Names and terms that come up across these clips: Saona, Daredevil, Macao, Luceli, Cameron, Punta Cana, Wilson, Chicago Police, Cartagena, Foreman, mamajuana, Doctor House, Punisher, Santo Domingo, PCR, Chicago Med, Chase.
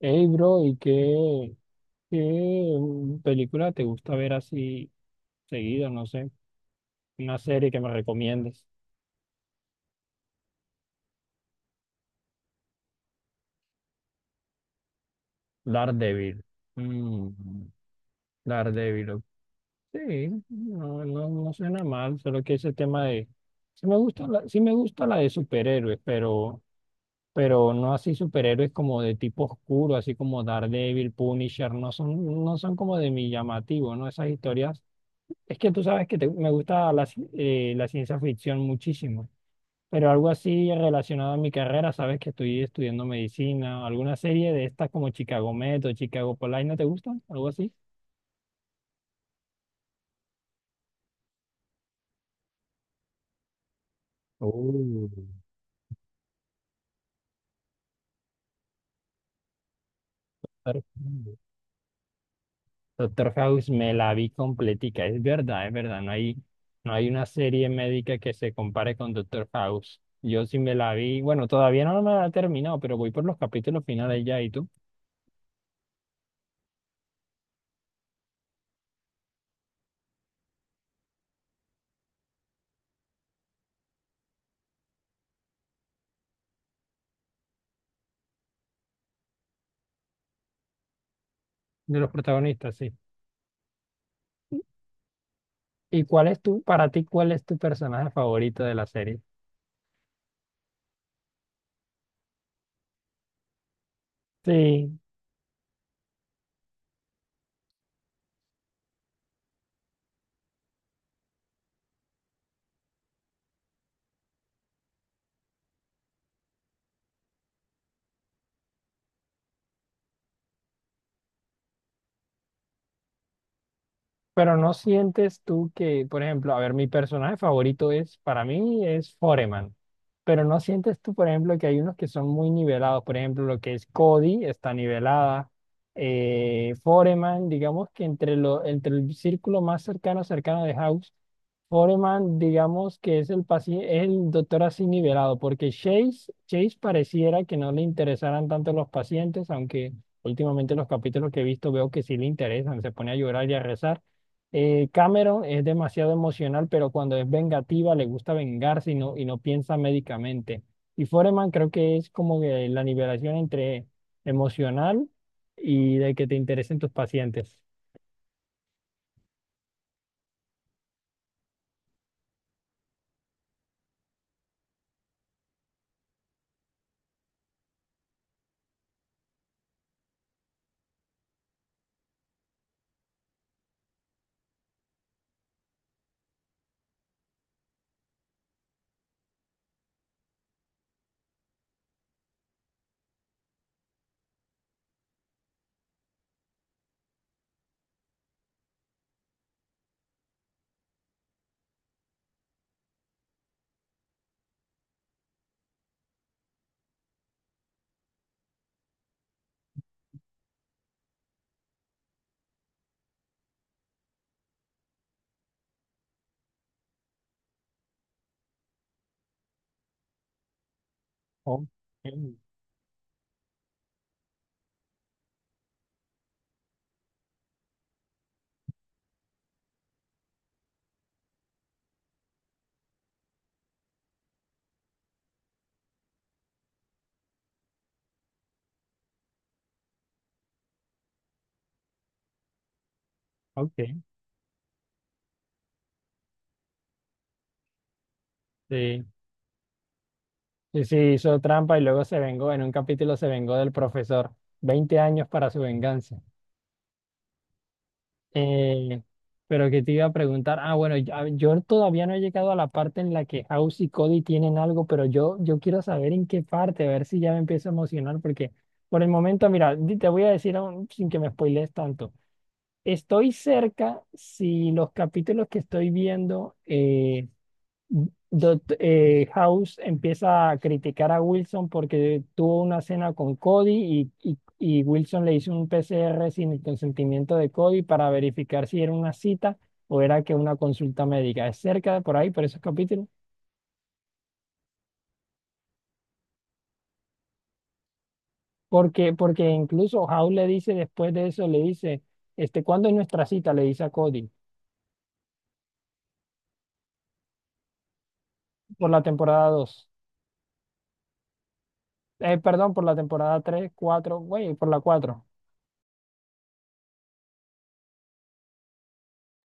Hey, bro, ¿y qué película te gusta ver así seguido? No sé, una serie que me recomiendes. Daredevil. Mm, Daredevil. Ok. Sí, no, no, no suena mal, solo que ese tema de... Sí me gusta sí me gusta la de superhéroes, pero no así superhéroes como de tipo oscuro, así como Daredevil, Punisher, no son como de mi llamativo, ¿no? Esas historias. Es que tú sabes que me gusta la ciencia ficción muchísimo. Pero algo así relacionado a mi carrera, sabes que estoy estudiando medicina, alguna serie de estas como Chicago Med o Chicago Police, ¿no te gustan? Algo así. Oh, Doctor House. Doctor House me la vi completica, es verdad, no hay una serie médica que se compare con Doctor House. Yo sí me la vi, bueno, todavía no me la he terminado, pero voy por los capítulos finales ya, ¿y tú? De los protagonistas, sí. ¿Y cuál es para ti, cuál es tu personaje favorito de la serie? Sí. Pero no sientes tú que, por ejemplo, a ver, mi personaje favorito es, para mí, es Foreman. Pero no sientes tú, por ejemplo, que hay unos que son muy nivelados. Por ejemplo, lo que es Cody está nivelada. Foreman, digamos que entre el círculo más cercano de House, Foreman, digamos que es el es el doctor así nivelado, porque Chase pareciera que no le interesaran tanto los pacientes, aunque últimamente los capítulos que he visto veo que sí le interesan, se pone a llorar y a rezar. Cameron es demasiado emocional, pero cuando es vengativa le gusta vengarse y no piensa médicamente. Y Foreman creo que es como que la nivelación entre emocional y de que te interesen tus pacientes. Ok, ok, sí. Sí, sí, hizo trampa y luego se vengó, en un capítulo se vengó del profesor. 20 años para su venganza. Eh, pero que te iba a preguntar, ah, bueno, yo todavía no he llegado a la parte en la que House y Cody tienen algo, pero yo quiero saber en qué parte, a ver si ya me empiezo a emocionar, porque por el momento, mira, te voy a decir aún sin que me spoilees tanto. Estoy cerca si los capítulos que estoy viendo, House empieza a criticar a Wilson porque tuvo una cena con Cody y Wilson le hizo un PCR sin el consentimiento de Cody para verificar si era una cita o era que una consulta médica. Es cerca de por ahí, por esos capítulos. Porque incluso House le dice después de eso, le dice, ¿cuándo es nuestra cita? Le dice a Cody, por la temporada dos. Perdón, por la temporada 3 4 güey, por la cuatro.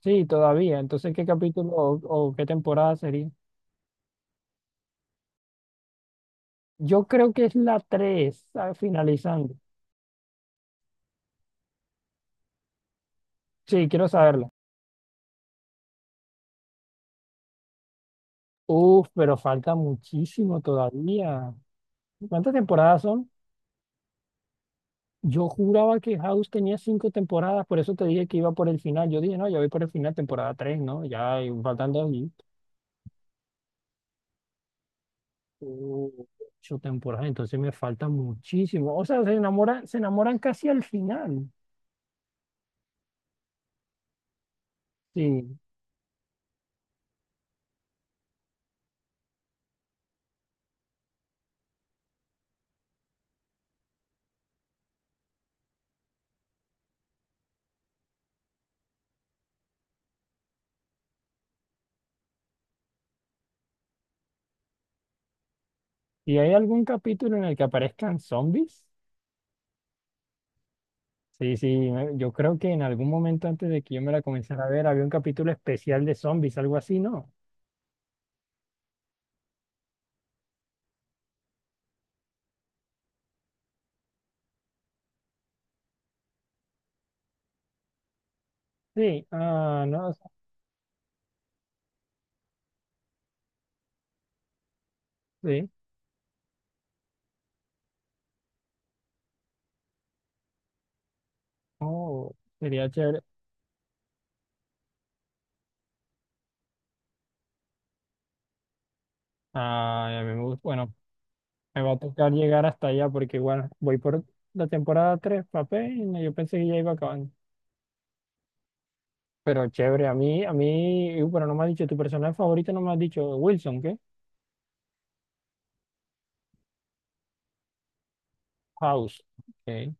Sí, todavía. Entonces, ¿qué capítulo o qué temporada sería? Yo creo que es la tres, ¿sabes?, finalizando. Sí, quiero saberla. Uf, pero falta muchísimo todavía. ¿Cuántas temporadas son? Yo juraba que House tenía cinco temporadas, por eso te dije que iba por el final. Yo dije, no, ya voy por el final, temporada 3, ¿no? Ya y faltan dos y uh, ocho temporadas, entonces me falta muchísimo. O sea, se enamoran casi al final. Sí. ¿Y hay algún capítulo en el que aparezcan zombies? Sí, sí, yo creo que en algún momento antes de que yo me la comenzara a ver, había un capítulo especial de zombies, algo así, ¿no? Sí, ah, no, sí, oh, sería chévere. Ah, a mí me gusta, bueno, me va a tocar llegar hasta allá porque, bueno, voy por la temporada 3, papel, y yo pensé que ya iba acabando. Pero chévere, bueno, no me has dicho, tu personaje favorito no me has dicho, Wilson, ¿qué? House, ok,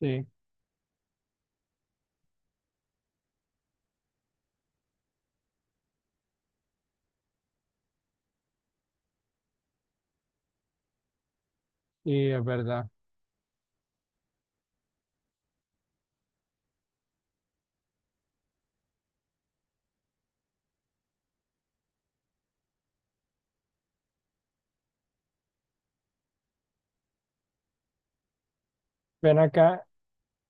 sí, sí, es verdad. Ven acá.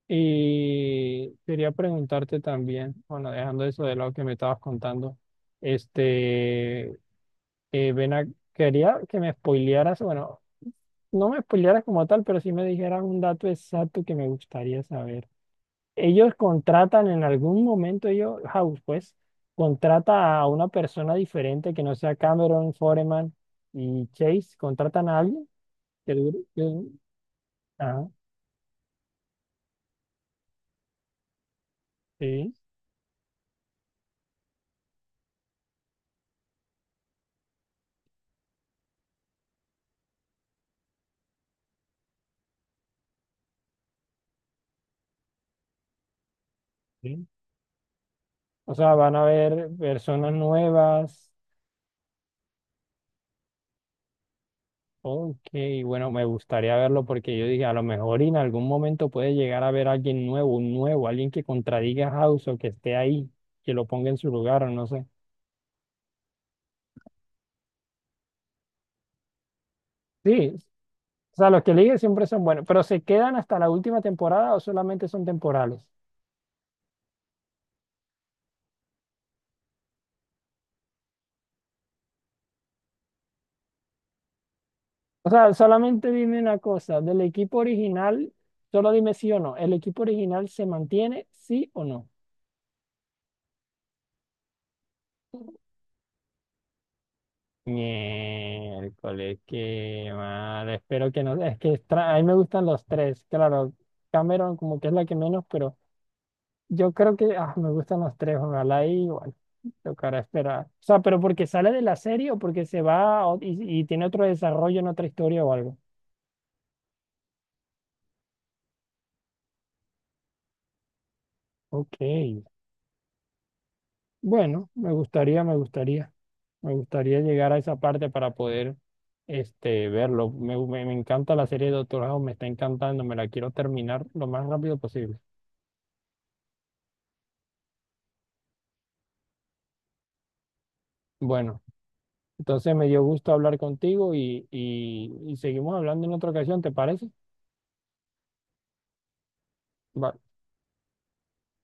Y quería preguntarte también, bueno, dejando eso de lado que me estabas contando, este, eh, ven a- quería que me spoilearas, bueno, no me spoilearas como tal, pero sí me dijeras un dato exacto que me gustaría saber. Ellos contratan en algún momento, House, pues, contrata a una persona diferente que no sea Cameron, Foreman y Chase, contratan a alguien que ah, sí, sí. O sea, van a haber personas nuevas. Ok, bueno, me gustaría verlo porque yo dije, a lo mejor y en algún momento puede llegar a ver a alguien nuevo, alguien que contradiga a House o que esté ahí, que lo ponga en su lugar o no sé. Sí, o sea, los que eligen siempre son buenos, pero ¿se quedan hasta la última temporada o solamente son temporales? O sea, solamente dime una cosa, del equipo original, solo dime sí o no, ¿el equipo original se mantiene, sí o no? Miércoles, qué mal. Espero que no. Es que a mí me gustan los tres. Claro, Cameron como que es la que menos, pero yo creo que ah, me gustan los tres. Ojalá y bueno, tocará esperar. O sea, pero porque sale de la serie o porque se va a y tiene otro desarrollo en otra historia o algo. Ok. Bueno, me gustaría. Me gustaría llegar a esa parte para poder verlo. Me encanta la serie de Doctor House, me está encantando, me la quiero terminar lo más rápido posible. Bueno, entonces me dio gusto hablar contigo y seguimos hablando en otra ocasión, ¿te parece? Vale.